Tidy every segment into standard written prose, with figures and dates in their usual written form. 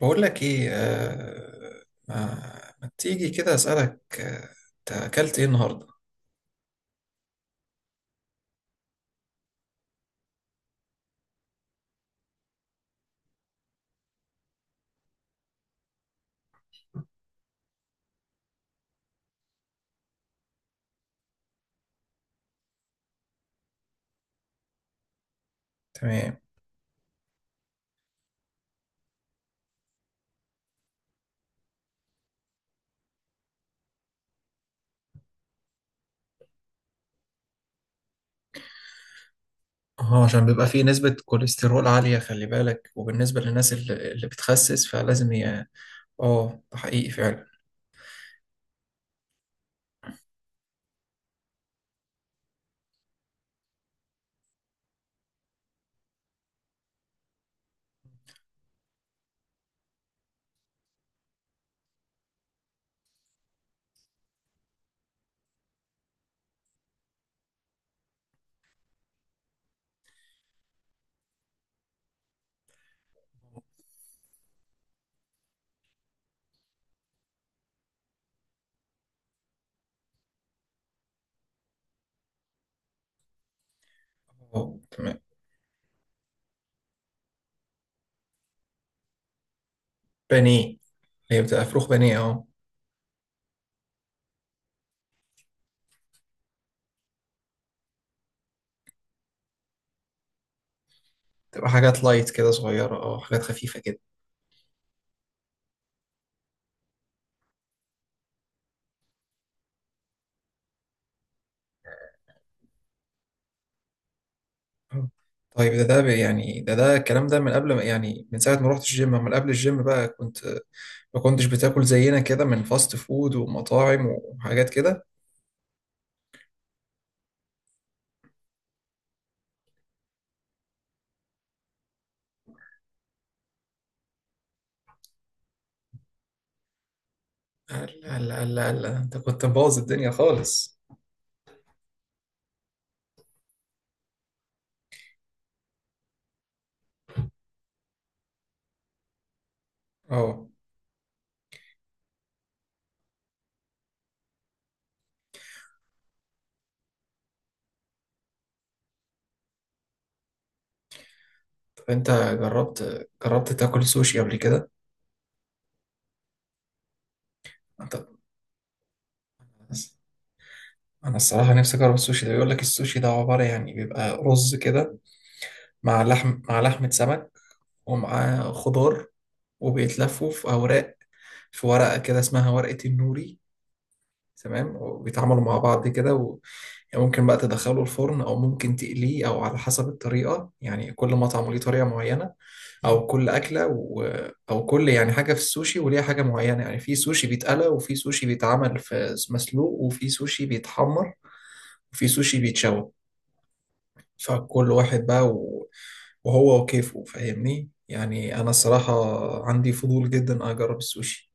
بقول لك ايه آه ما, ما تيجي كده اسالك، انت اكلت ايه النهارده؟ تمام. اه عشان بيبقى فيه نسبة كوليسترول عالية، خلي بالك. وبالنسبة للناس اللي بتخسس فلازم ي... اه ده حقيقي فعلا. اه تمام. بانيه. هي بتبقى فروخ بانيه، اه. بتبقى حاجات لايت كده صغيرة، اه حاجات خفيفة كده. آه. طيب ده يعني ده الكلام ده من قبل ما، يعني من ساعة ما رحت الجيم، من قبل الجيم بقى كنت ما كنتش بتاكل زينا كده من فاست فود ومطاعم وحاجات كده؟ لا لا لا لا، انت كنت مبوظ الدنيا خالص. اه طب انت جربت تاكل سوشي قبل كده؟ انت، انا الصراحه نفسي اجرب السوشي ده. بيقول لك السوشي ده عباره يعني بيبقى رز كده مع لحم، مع لحمه سمك ومعاه خضار، وبيتلفوا في اوراق، في ورقه كده اسمها ورقه النوري. تمام، وبيتعاملوا مع بعض كده. يعني ممكن بقى تدخله الفرن او ممكن تقليه او على حسب الطريقه، يعني كل مطعم ليه طريقه معينه، او كل اكله و... او كل يعني حاجه في السوشي وليها حاجه معينه. يعني في سوشي بيتقلى وفي سوشي بيتعمل في مسلوق وفي سوشي بيتحمر وفي سوشي بيتشوى. فكل واحد بقى و... وهو وكيفه، فاهمني؟ يعني انا الصراحه عندي فضول جدا اجرب السوشي.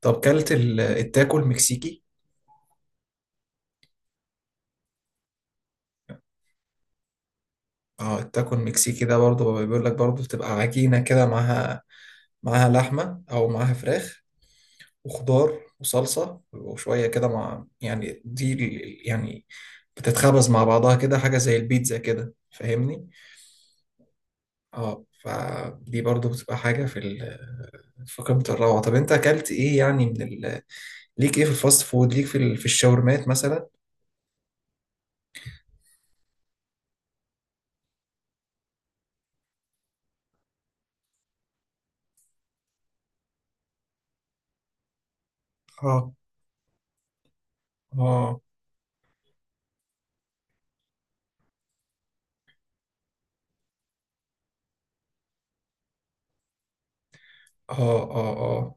طب كلت ال- التاكو المكسيكي؟ اه التاكو المكسيكي ده برضه بيقول لك برضه بتبقى عجينة كده معاها لحمة أو معاها فراخ وخضار وصلصة وشوية كده مع، يعني دي ال- يعني بتتخبز مع بعضها كده، حاجة زي البيتزا كده فاهمني؟ اه فدي برضو بتبقى حاجة في ال في قمة الروعة. طب أنت أكلت إيه يعني من ال ليك إيه في الفاست فود؟ ليك في ال في الشاورمات مثلا؟ اه اه اه اه اه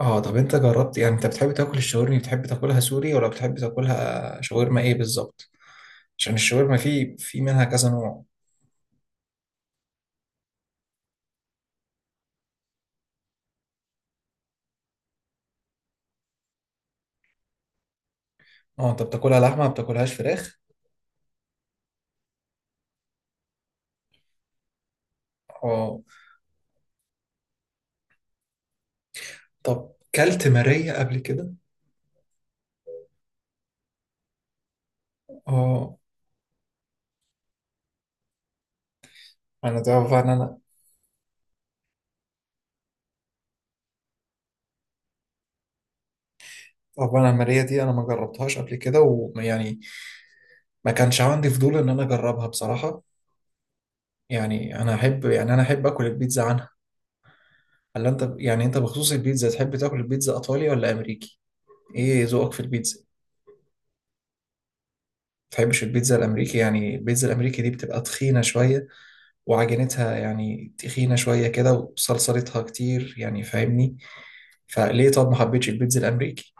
اه. طب انت جربت، يعني انت بتحب تاكل الشاورما، بتحب تاكلها سوري ولا بتحب تاكلها شاورما ايه بالظبط؟ عشان الشاورما في منها كذا نوع. اه انت بتاكلها لحمه، ما بتاكلهاش فراخ؟ اه طب كلت ماريه قبل كده؟ اه. انا طبعا الماريه دي انا ما جربتهاش قبل كده، ويعني ما كانش عندي فضول ان انا اجربها بصراحه. يعني انا احب، يعني انا احب اكل البيتزا عنها. هل انت، يعني انت بخصوص البيتزا تحب تاكل البيتزا ايطالي ولا امريكي؟ ايه ذوقك في البيتزا؟ تحبش البيتزا الامريكي؟ يعني البيتزا الامريكي دي بتبقى تخينه شويه، وعجينتها يعني تخينه شويه كده وصلصلتها كتير يعني، فاهمني؟ فليه طب ما حبيتش البيتزا الامريكي؟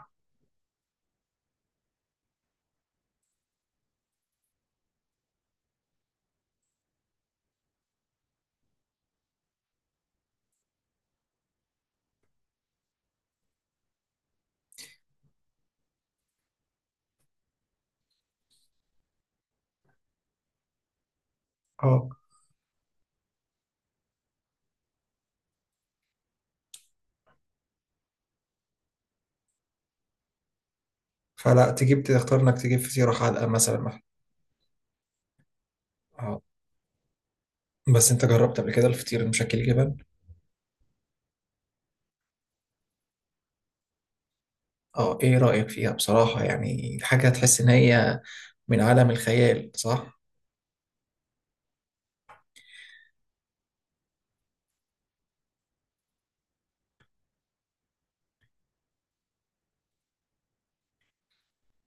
اه فلا تجيب، تختار انك تجيب فطيره حادقه مثلا. اه بس انت جربت قبل كده الفطير المشكل جبن؟ اه ايه رايك فيها بصراحه، يعني حاجه تحس ان هي من عالم الخيال، صح؟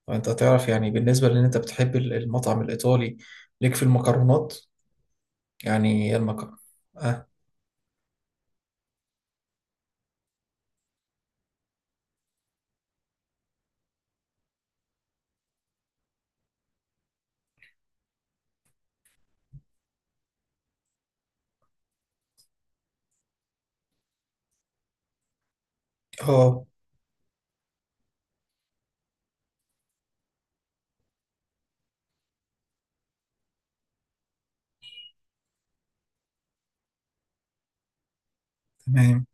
وانت تعرف يعني بالنسبه لان انت بتحب المطعم الايطالي، ليك في المكرونات، يعني المكرونه؟ اه آه، تمام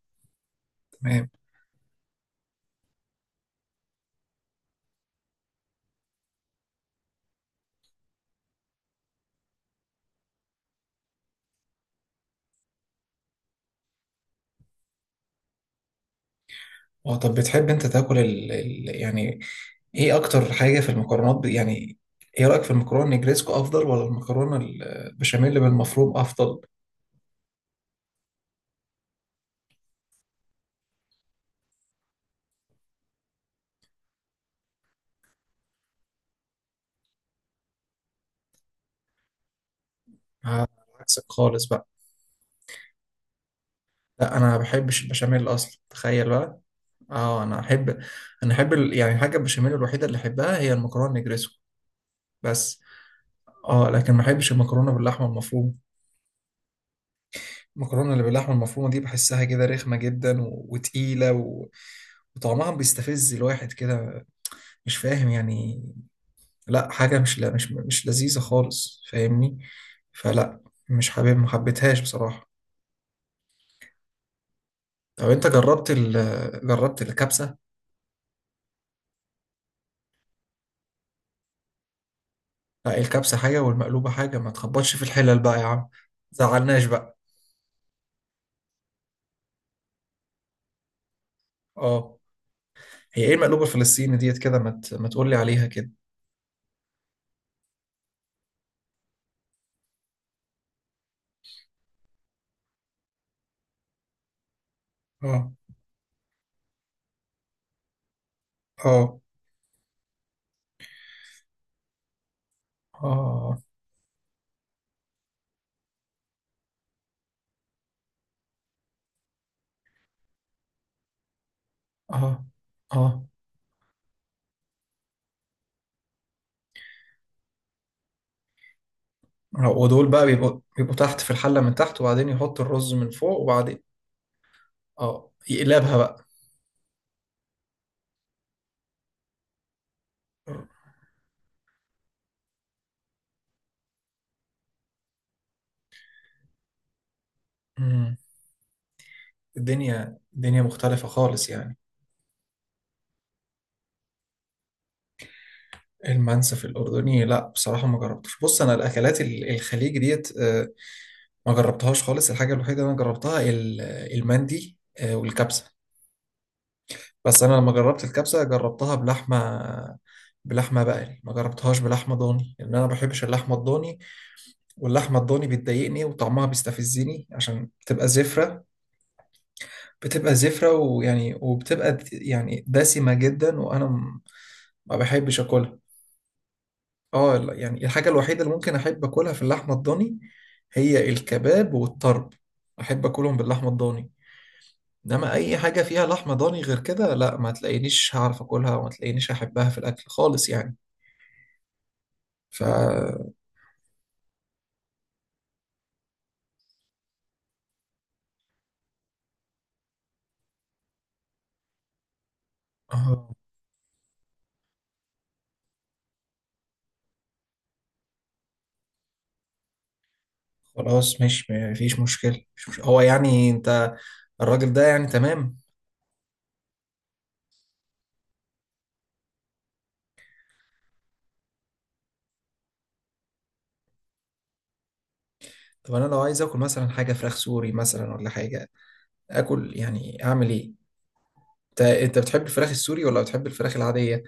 تمام. اه طب بتحب انت تاكل ال... ال... يعني ايه اكتر حاجه في المكرونات ب... يعني ايه رايك في المكرونه النجريسكو افضل ولا المكرونه البشاميل بالمفروم افضل؟ آه، عكسك خالص بقى. لا انا ما بحبش البشاميل اصلا، تخيل بقى. اه انا احب ال... يعني الحاجه البشاميل الوحيده اللي احبها هي المكرونه النجريسكو بس. اه لكن ما احبش المكرونه باللحمه المفرومه. المكرونه اللي باللحمه المفرومه دي بحسها كده رخمه جدا و... وتقيله و... وطعمها بيستفز الواحد كده، مش فاهم يعني. لا حاجة مش، لا مش مش لذيذة خالص فاهمني، فلا مش حابب، ما حبيتهاش بصراحة. طب انت جربت ال جربت الكبسة؟ لا إيه، الكبسة حاجة والمقلوبة حاجة، ما تخبطش في الحلل بقى يا عم. زعلناش بقى. اه هي ايه المقلوبة الفلسطيني ديت كده، ما ت- ما تقولي عليها كده. اه اه اه اه اه. آه. ودول بقى بيبقوا تحت في الحلة من تحت، وبعدين يحط الرز من فوق وبعدين اه يقلبها بقى. الدنيا الدنيا مختلفة خالص يعني. المنسف الأردني، لا بصراحة ما جربتش. بص أنا الأكلات ال- الخليج ديت آه، ما جربتهاش خالص. الحاجة الوحيدة اللي أنا جربتها ال- المندي آه، والكبسة بس. أنا لما جربت الكبسة جربتها بلحمة، بلحمة بقري، ما جربتهاش بلحمة ضاني لأن أنا ما بحبش اللحمة الضاني. واللحمة الضاني بتضايقني وطعمها بيستفزني عشان بتبقى زفرة، بتبقى زفرة ويعني وبتبقى يعني دسمة جدا، وأنا م- ما بحبش أكلها. اه لا، يعني الحاجة الوحيدة اللي ممكن أحب أكلها في اللحمة الضاني هي الكباب والطرب، أحب أكلهم باللحمة الضاني. إنما أي حاجة فيها لحمة ضاني غير كده، لا ما تلاقينيش هعرف أكلها وما تلاقينيش أحبها في الأكل خالص يعني. ف آه، خلاص مش مفيش مشكلة، مش مش... هو يعني أنت الراجل ده يعني تمام؟ طب أنا لو عايز آكل مثلا حاجة فراخ سوري مثلا ولا حاجة آكل، يعني أعمل إيه؟ أنت أنت بتحب الفراخ السوري ولا بتحب الفراخ العادية؟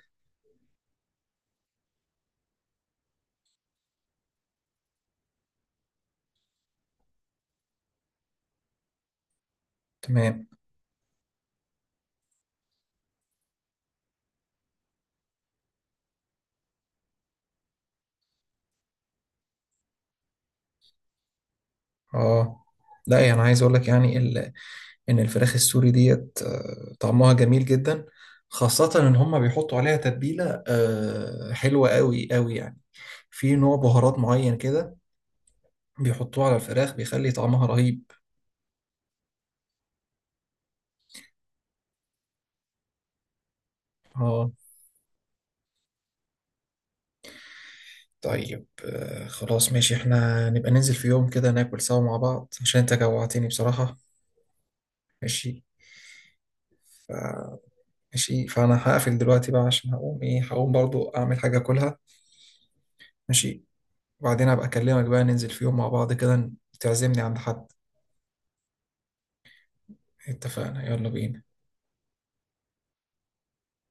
تمام. اه لا يعني عايز اقول لك يعني ال... ان الفراخ السوري ديت آه، طعمها جميل جدا، خاصة ان هم بيحطوا عليها تتبيلة آه، حلوة قوي قوي يعني. في نوع بهارات معين كده بيحطوه على الفراخ بيخلي طعمها رهيب. اه طيب آه، خلاص ماشي، احنا نبقى ننزل في يوم كده ناكل سوا مع بعض، عشان انت جوعتني بصراحة. ماشي. ف... ماشي فانا هقفل دلوقتي بقى، عشان هقوم ايه هقوم برضو اعمل حاجة اكلها. ماشي. وبعدين أبقى أكلمك بقى، ننزل في يوم مع بعض كده، تعزمني عند حد. اتفقنا يلا بينا.